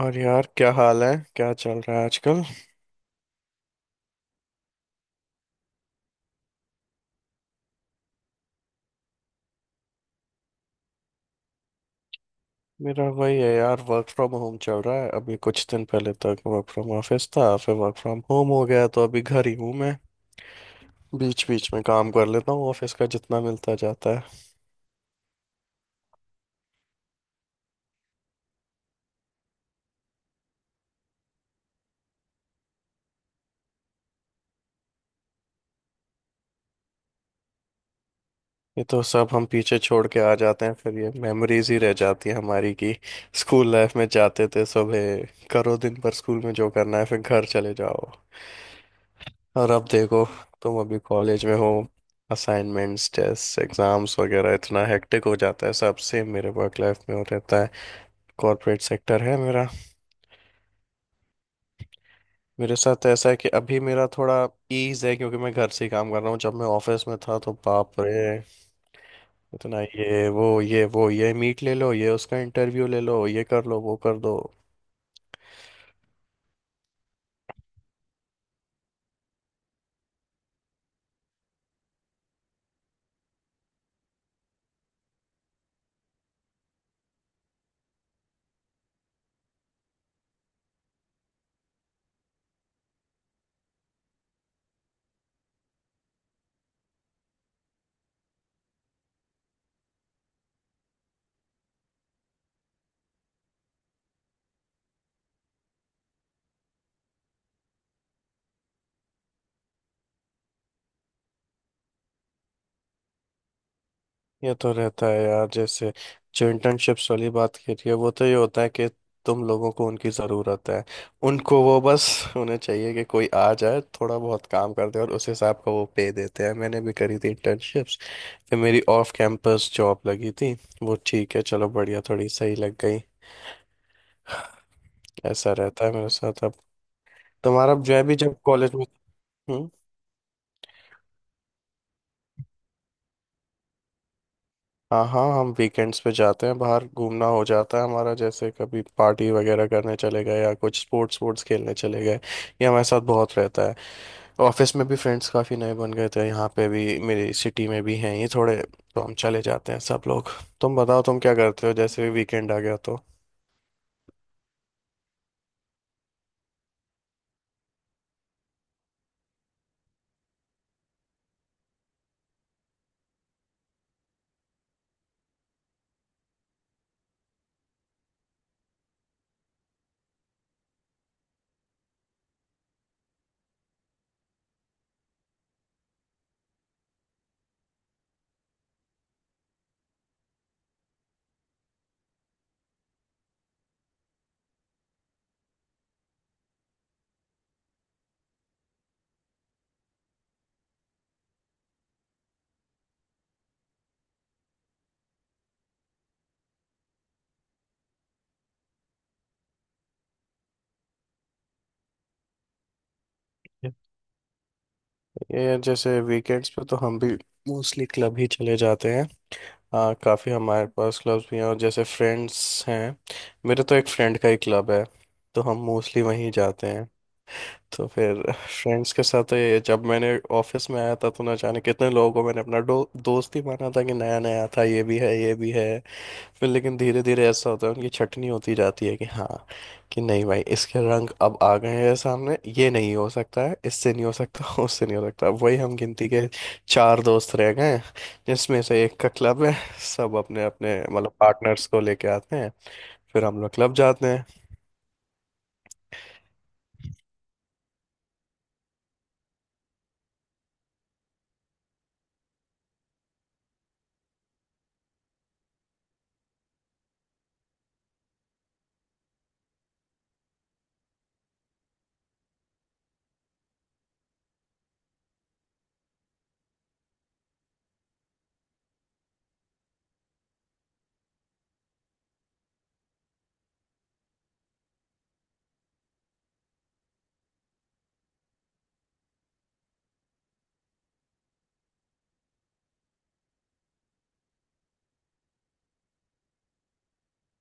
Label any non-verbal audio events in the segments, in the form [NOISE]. और यार, क्या हाल है? क्या चल रहा है आजकल? मेरा वही है यार, वर्क फ्रॉम होम चल रहा है। अभी कुछ दिन पहले तक वर्क फ्रॉम ऑफिस था, फिर वर्क फ्रॉम होम हो गया, तो अभी घर ही हूँ मैं। बीच बीच में काम कर लेता हूँ ऑफिस का, जितना मिलता जाता है। ये तो सब हम पीछे छोड़ के आ जाते हैं, फिर ये मेमोरीज ही रह जाती है हमारी, कि स्कूल लाइफ में जाते थे सुबह, करो दिन भर स्कूल में जो करना है, फिर घर चले जाओ। और अब देखो, तुम अभी कॉलेज में हो, असाइनमेंट्स, टेस्ट, एग्जाम्स वगैरह, इतना हेक्टिक हो जाता है। सब सेम मेरे वर्क लाइफ में हो रहता है, कॉर्पोरेट सेक्टर है मेरा। मेरे साथ तो ऐसा है कि अभी मेरा थोड़ा ईज है, क्योंकि मैं घर से ही काम कर रहा हूँ। जब मैं ऑफिस में था तो बाप रे, इतना ये वो, ये वो, ये मीट ले लो, ये उसका इंटरव्यू ले लो, ये कर लो, वो कर दो। ये तो रहता है यार। जैसे जो इंटर्नशिप्स वाली बात की रही है, वो तो ये होता है कि तुम लोगों को उनकी ज़रूरत है, उनको वो बस, उन्हें चाहिए कि कोई आ जाए, थोड़ा बहुत काम कर दे, और उस हिसाब का वो पे देते हैं। मैंने भी करी थी इंटर्नशिप्स, फिर मेरी ऑफ कैंपस जॉब लगी थी, वो ठीक है, चलो बढ़िया, थोड़ी सही लग गई। ऐसा रहता है मेरे साथ अब। तुम्हारा जो है भी जब कॉलेज में। हम्म। हाँ हाँ, हम वीकेंड्स पे जाते हैं, बाहर घूमना हो जाता है हमारा, जैसे कभी पार्टी वगैरह करने चले गए, या कुछ स्पोर्ट्स स्पोर्ट्स खेलने चले गए। ये हमारे साथ बहुत रहता है। ऑफिस में भी फ्रेंड्स काफ़ी नए बन गए थे, यहाँ पे भी मेरी सिटी में भी हैं ये थोड़े, तो हम चले जाते हैं सब लोग। तुम बताओ, तुम क्या करते हो जैसे वीकेंड आ गया तो? ये यार, जैसे वीकेंड्स पे तो हम भी मोस्टली क्लब ही चले जाते हैं। हाँ काफ़ी, हमारे पास क्लब्स भी हैं और जैसे फ्रेंड्स हैं। मेरे तो एक फ्रेंड का ही क्लब है, तो हम मोस्टली वहीं जाते हैं। तो फिर फ्रेंड्स के साथ तो ये, जब मैंने ऑफिस में आया था तो ना जाने कितने लोगों को मैंने अपना दोस्त ही माना था, कि नया नया था, ये भी है, ये भी है। फिर लेकिन धीरे धीरे ऐसा होता है, उनकी छटनी होती जाती है कि हाँ, कि नहीं भाई, इसके रंग अब आ गए हैं सामने, ये नहीं हो सकता है, इससे नहीं हो सकता [LAUGHS] उससे नहीं हो सकता। वही, हम गिनती के चार दोस्त रह गए हैं, जिसमें से एक का क्लब है, सब अपने अपने मतलब पार्टनर्स को लेके आते हैं, फिर हम लोग क्लब जाते हैं।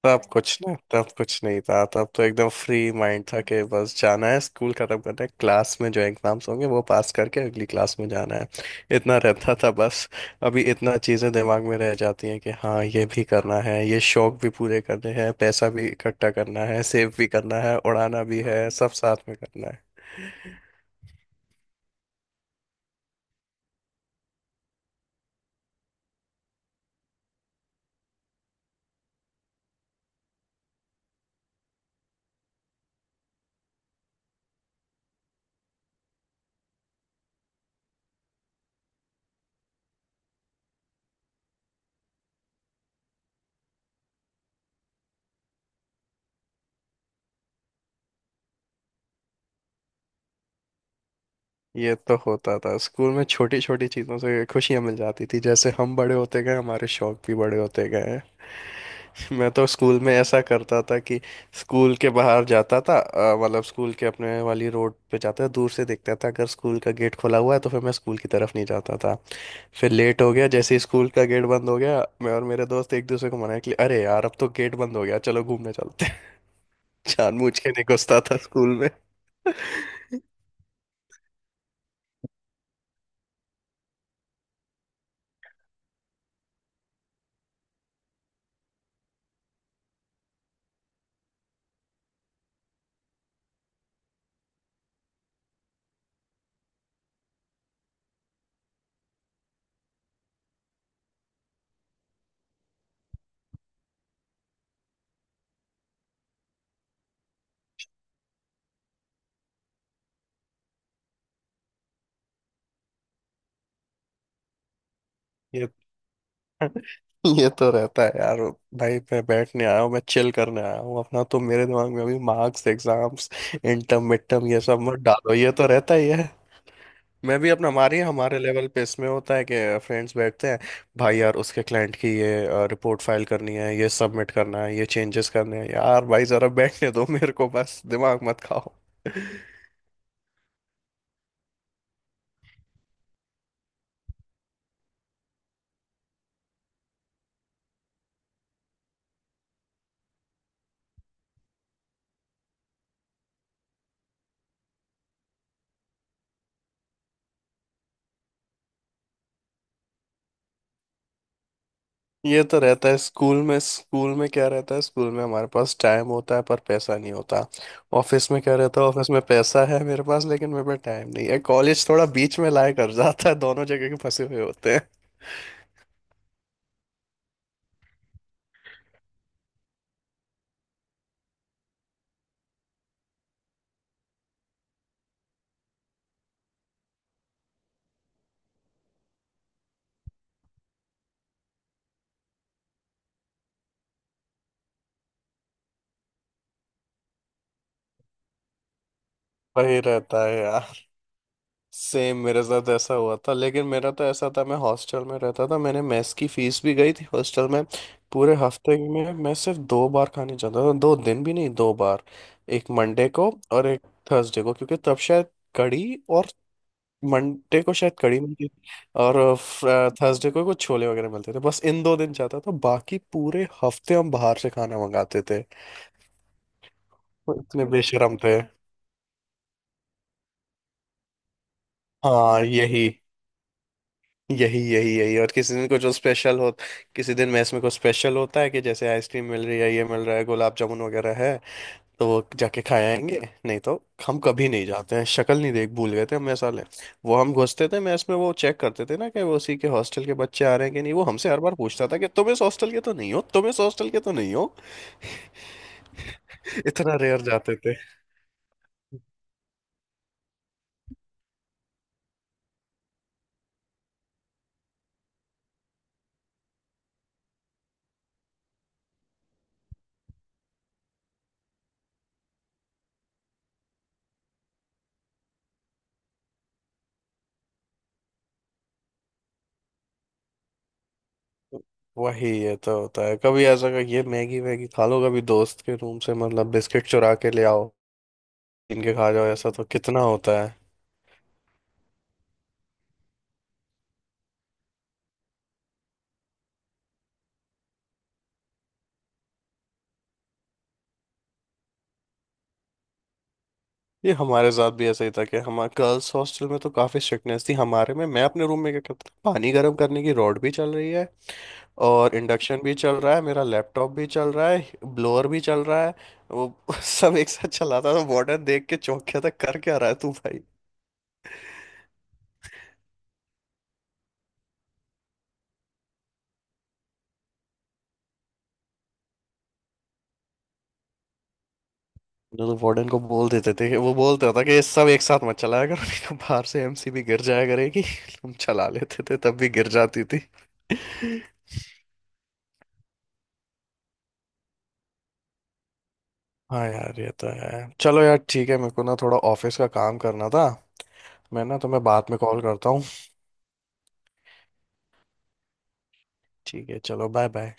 तब कुछ नहीं था। तब तो एकदम फ्री माइंड था कि बस जाना है स्कूल, खत्म करना है, क्लास में जो एग्जाम्स होंगे वो पास करके अगली क्लास में जाना है। इतना रहता था बस। अभी इतना चीज़ें दिमाग में रह जाती हैं कि हाँ, ये भी करना है, ये शौक भी पूरे करने हैं, पैसा भी इकट्ठा करना है, सेव भी करना है, उड़ाना भी है, सब साथ में करना है। ये तो होता था स्कूल में, छोटी छोटी चीज़ों से खुशियाँ मिल जाती थी। जैसे हम बड़े होते गए, हमारे शौक भी बड़े होते गए। मैं तो स्कूल में ऐसा करता था कि स्कूल के बाहर जाता था, मतलब स्कूल के अपने वाली रोड पे जाता था, दूर से देखता था अगर स्कूल का गेट खुला हुआ है तो फिर मैं स्कूल की तरफ नहीं जाता था। फिर लेट हो गया, जैसे ही स्कूल का गेट बंद हो गया, मैं और मेरे दोस्त एक दूसरे को मनाया कि अरे यार, अब तो गेट बंद हो गया, चलो घूमने चलते हैं। [LAUGHS] जानबूझ के नहीं घुसता था स्कूल में। [LAUGHS] ये ये तो रहता है यार। भाई, मैं बैठने आया हूँ, मैं चिल करने आया हूँ अपना, तो मेरे दिमाग में अभी marks, exams, interim, mid term ये सब मत डालो, ये तो रहता ही है। मैं भी अपना हमारे हमारे लेवल पे इसमें होता है कि फ्रेंड्स बैठते हैं, भाई यार उसके क्लाइंट की ये रिपोर्ट फाइल करनी है, ये सबमिट करना है, ये चेंजेस करने हैं, यार भाई जरा बैठने दो मेरे को, बस दिमाग मत खाओ। [LAUGHS] ये तो रहता है। स्कूल में, स्कूल में क्या रहता है? स्कूल में हमारे पास टाइम होता है पर पैसा नहीं होता। ऑफिस में क्या रहता है? ऑफिस में पैसा है मेरे पास, लेकिन मेरे पास टाइम नहीं है। कॉलेज थोड़ा बीच में लाया कर जाता है, दोनों जगह के फंसे हुए होते हैं। वही रहता है यार। सेम मेरे साथ ऐसा हुआ था, लेकिन मेरा तो ऐसा था, मैं हॉस्टल में रहता था, मैंने मेस की फीस भी गई थी हॉस्टल में। पूरे हफ्ते में मैं सिर्फ दो बार खाने जाता था, दो दिन भी नहीं, दो बार। एक मंडे को और एक थर्सडे को, क्योंकि तब शायद कड़ी, और मंडे को शायद कड़ी मिलती थी, और थर्सडे को कुछ छोले वगैरह मिलते थे। बस इन दो दिन जाता था, बाकी पूरे हफ्ते हम बाहर से खाना मंगाते थे। वो इतने बेशरम थे। हाँ यही, यही यही यही, और किसी दिन कुछ स्पेशल हो, किसी दिन मैस में कुछ स्पेशल होता है कि जैसे आइसक्रीम मिल रही है, ये मिल रहा है, गुलाब जामुन वगैरह है, तो वो जाके खाए आएंगे। नहीं तो हम कभी नहीं जाते हैं, शक्ल नहीं देख भूल गए थे हम मैस वाले। वो हम घुसते थे मैस में, वो चेक करते थे ना कि वो उसी के हॉस्टल के बच्चे आ रहे हैं कि नहीं, वो हमसे हर बार पूछता था कि तुम इस हॉस्टल के तो नहीं हो, तुम इस हॉस्टल के तो नहीं हो। [LAUGHS] इतना रेयर जाते थे। वही ये तो होता है, कभी ऐसा का ये मैगी वैगी खा लो, कभी दोस्त के रूम से मतलब बिस्किट चुरा के ले आओ, इनके खा जाओ। ऐसा तो कितना होता है। ये हमारे साथ भी ऐसा ही था कि हमारे गर्ल्स हॉस्टल में तो काफी स्ट्रिक्टनेस थी। हमारे में, मैं अपने रूम में क्या करता था, पानी गर्म करने की रॉड भी चल रही है, और इंडक्शन भी चल रहा है, मेरा लैपटॉप भी चल रहा है, ब्लोअर भी चल रहा है, वो [LAUGHS] सब एक साथ चलाता था। वार्डन देख के चौंक गया था, कर क्या रहा है तू भाई। ना, तो वार्डन को बोल देते थे वो बोलता था कि ये सब एक साथ मत चलाया करो, नहीं तो बाहर से एमसीबी गिर जाया करेगी। [LAUGHS] हम चला लेते थे, तब भी गिर जाती थी। हाँ यार, ये तो है। चलो यार ठीक है, मेरे को ना थोड़ा ऑफिस का काम करना था, मैं ना तुम्हें बाद में कॉल करता हूँ। ठीक है, चलो बाय बाय।